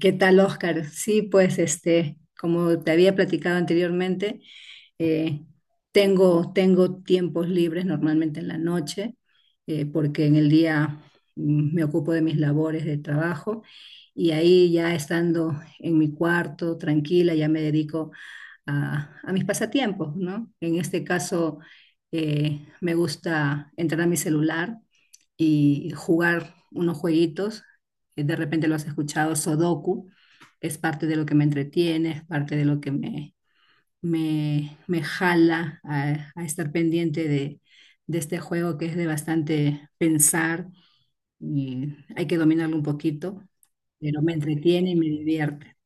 ¿Qué tal, Oscar? Sí, pues este, como te había platicado anteriormente, eh, tengo tiempos libres normalmente en la noche. Porque en el día me ocupo de mis labores de trabajo y ahí ya estando en mi cuarto tranquila, ya me dedico a mis pasatiempos, ¿no? En este caso, me gusta entrar a mi celular y jugar unos jueguitos. De repente lo has escuchado, Sudoku. Es parte de lo que me entretiene, es parte de lo que me jala a estar pendiente de este juego que es de bastante pensar y hay que dominarlo un poquito, pero me entretiene y me divierte.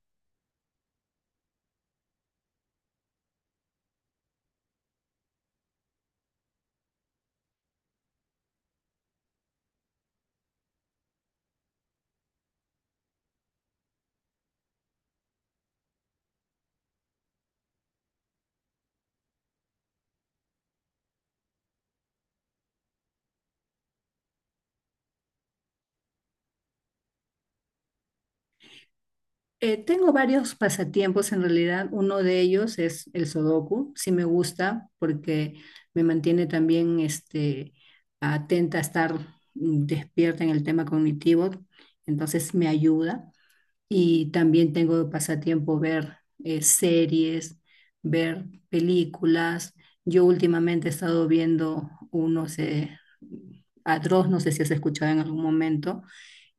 Tengo varios pasatiempos en realidad. Uno de ellos es el sudoku. Sí me gusta porque me mantiene también atenta a estar despierta en el tema cognitivo. Entonces me ayuda. Y también tengo de pasatiempo ver series, ver películas. Yo últimamente he estado viendo unos Atroz, no sé si has escuchado en algún momento.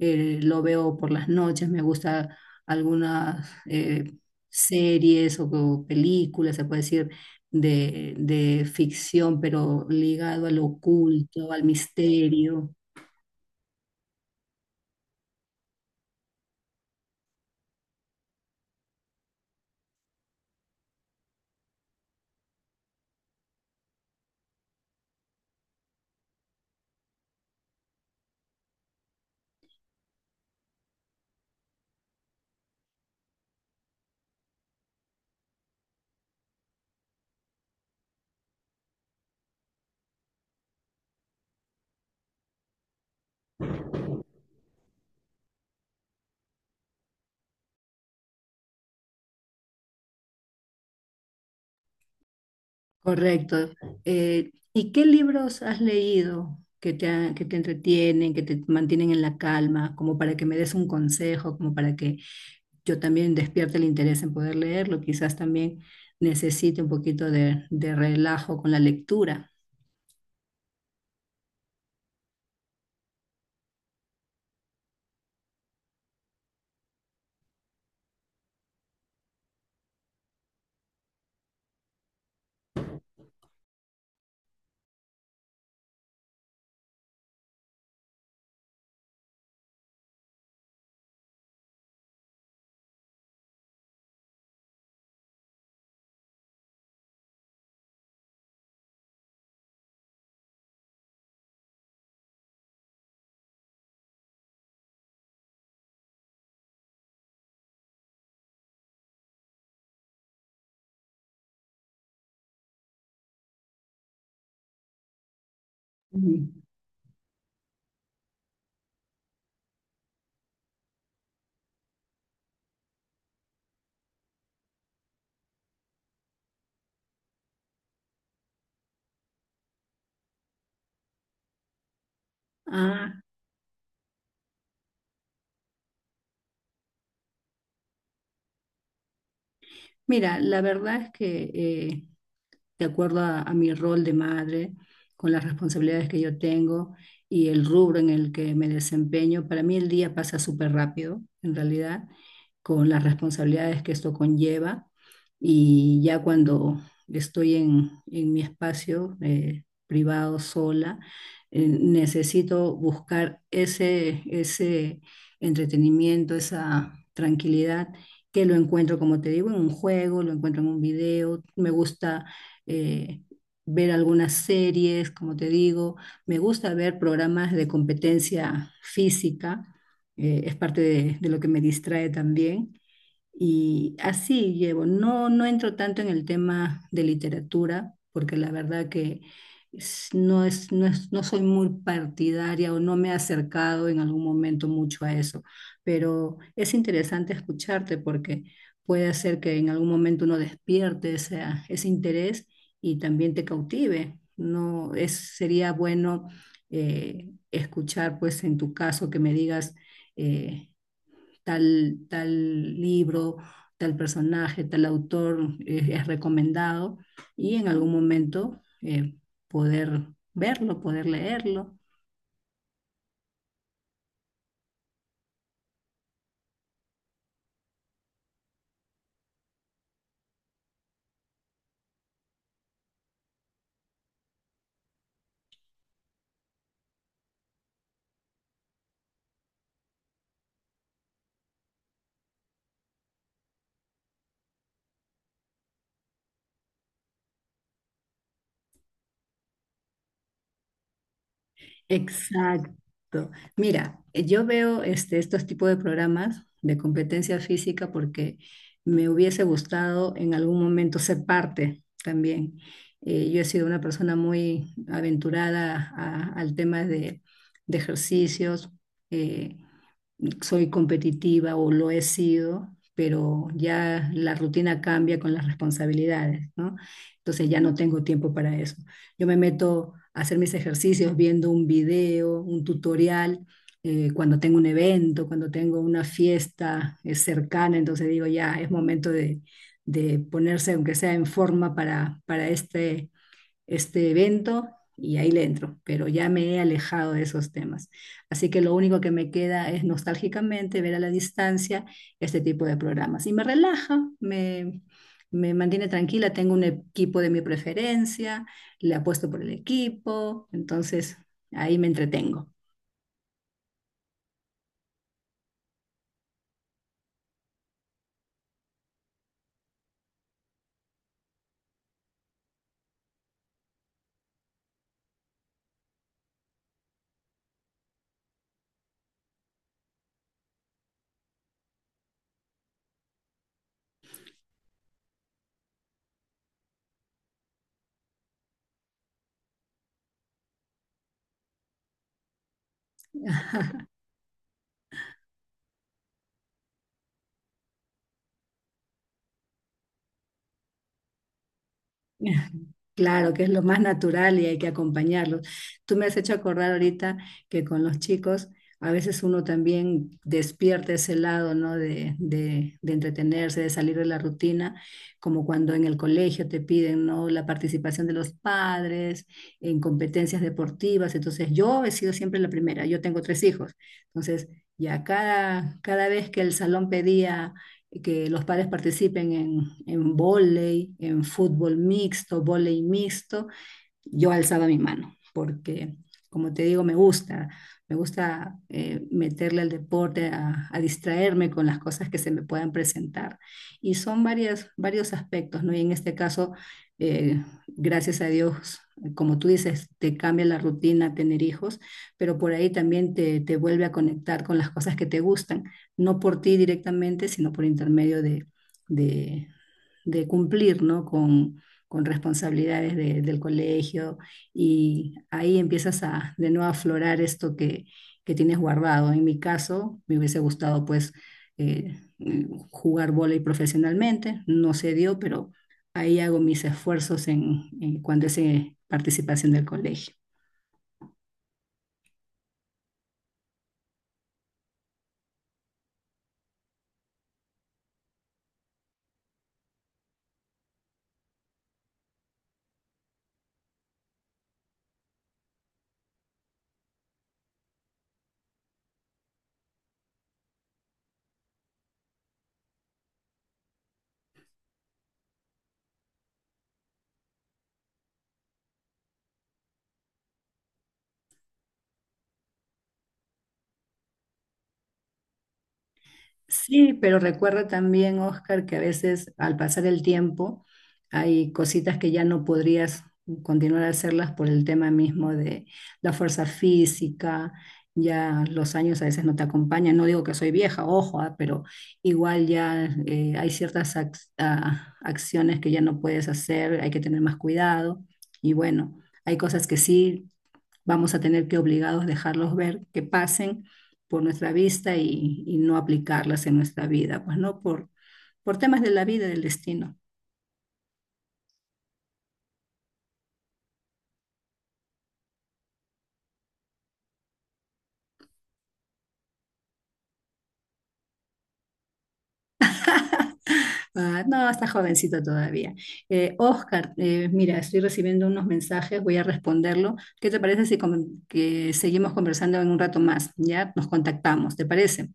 Lo veo por las noches, me gusta algunas series o películas, se puede decir, de ficción, pero ligado al oculto, al misterio. Correcto. ¿Y qué libros has leído que te entretienen, que te mantienen en la calma, como para que me des un consejo, como para que yo también despierte el interés en poder leerlo? Quizás también necesite un poquito de relajo con la lectura. Ujú. Ah, mira, la verdad es que de acuerdo a mi rol de madre, con las responsabilidades que yo tengo y el rubro en el que me desempeño. Para mí el día pasa súper rápido, en realidad, con las responsabilidades que esto conlleva. Y ya cuando estoy en mi espacio privado sola, necesito buscar ese entretenimiento, esa tranquilidad que lo encuentro, como te digo, en un juego, lo encuentro en un video. Me gusta eh, ver algunas series, como te digo. Me gusta ver programas de competencia física. Es parte de lo que me distrae también. Y así llevo. No, no entro tanto en el tema de literatura, porque la verdad que no soy muy partidaria o no me he acercado en algún momento mucho a eso. Pero es interesante escucharte porque puede ser que en algún momento uno despierte ese interés y también te cautive. No es, sería bueno escuchar, pues en tu caso, que me digas. eh, tal libro, tal personaje, tal autor es recomendado y en algún momento poder verlo, poder leerlo. Exacto. Mira, yo veo este, estos tipos de programas de competencia física porque me hubiese gustado en algún momento ser parte también. Yo he sido una persona muy aventurada al tema de ejercicios. eh, Soy competitiva o lo he sido, pero ya la rutina cambia con las responsabilidades, ¿no? Entonces ya no tengo tiempo para eso. Yo me meto a hacer mis ejercicios viendo un video, un tutorial. Cuando tengo un evento, cuando tengo una fiesta cercana, entonces digo, ya es momento de ponerse, aunque sea en forma, para este evento y ahí le entro, pero ya me he alejado de esos temas. Así que lo único que me queda es nostálgicamente ver a la distancia este tipo de programas. Y me relaja, me mantiene tranquila, tengo un equipo de mi preferencia, le apuesto por el equipo, entonces ahí me entretengo. Claro, que es lo más natural y hay que acompañarlos. Tú me has hecho acordar ahorita que con los chicos a veces uno también despierta ese lado, ¿no? De entretenerse, de salir de la rutina, como cuando en el colegio te piden, ¿no? La participación de los padres en competencias deportivas. Entonces, yo he sido siempre la primera, yo tengo tres hijos. Entonces, ya cada vez que el salón pedía que los padres participen en vóley, en fútbol mixto, vóley mixto, yo alzaba mi mano, porque como te digo, me gusta meterle al deporte, distraerme con las cosas que se me puedan presentar. Y son varias, varios aspectos, ¿no? Y en este caso, gracias a Dios, como tú dices, te cambia la rutina tener hijos, pero por ahí también te vuelve a conectar con las cosas que te gustan, no por ti directamente, sino por intermedio de, de cumplir, ¿no? Con responsabilidades del colegio y ahí empiezas a de nuevo a aflorar esto que tienes guardado. En mi caso, me hubiese gustado pues eh, eh, jugar vóley profesionalmente, no se dio, pero ahí hago mis esfuerzos en cuanto es participación del colegio. Sí, pero recuerda también, Oscar, que a veces al pasar el tiempo hay cositas que ya no podrías continuar a hacerlas por el tema mismo de la fuerza física, ya los años a veces no te acompañan. No digo que soy vieja, ojo, ah, pero igual ya hay ciertas acciones que ya no puedes hacer, hay que tener más cuidado. Y bueno, hay cosas que sí vamos a tener que obligados dejarlos ver que pasen por nuestra vista y no aplicarlas en nuestra vida, pues no por temas de la vida del destino. Ah, no, está jovencito todavía. Oscar, mira, estoy recibiendo unos mensajes, voy a responderlo. ¿Qué te parece si que seguimos conversando en un rato más? Ya nos contactamos, ¿te parece?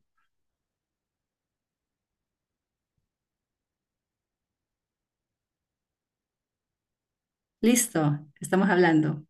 Listo, estamos hablando.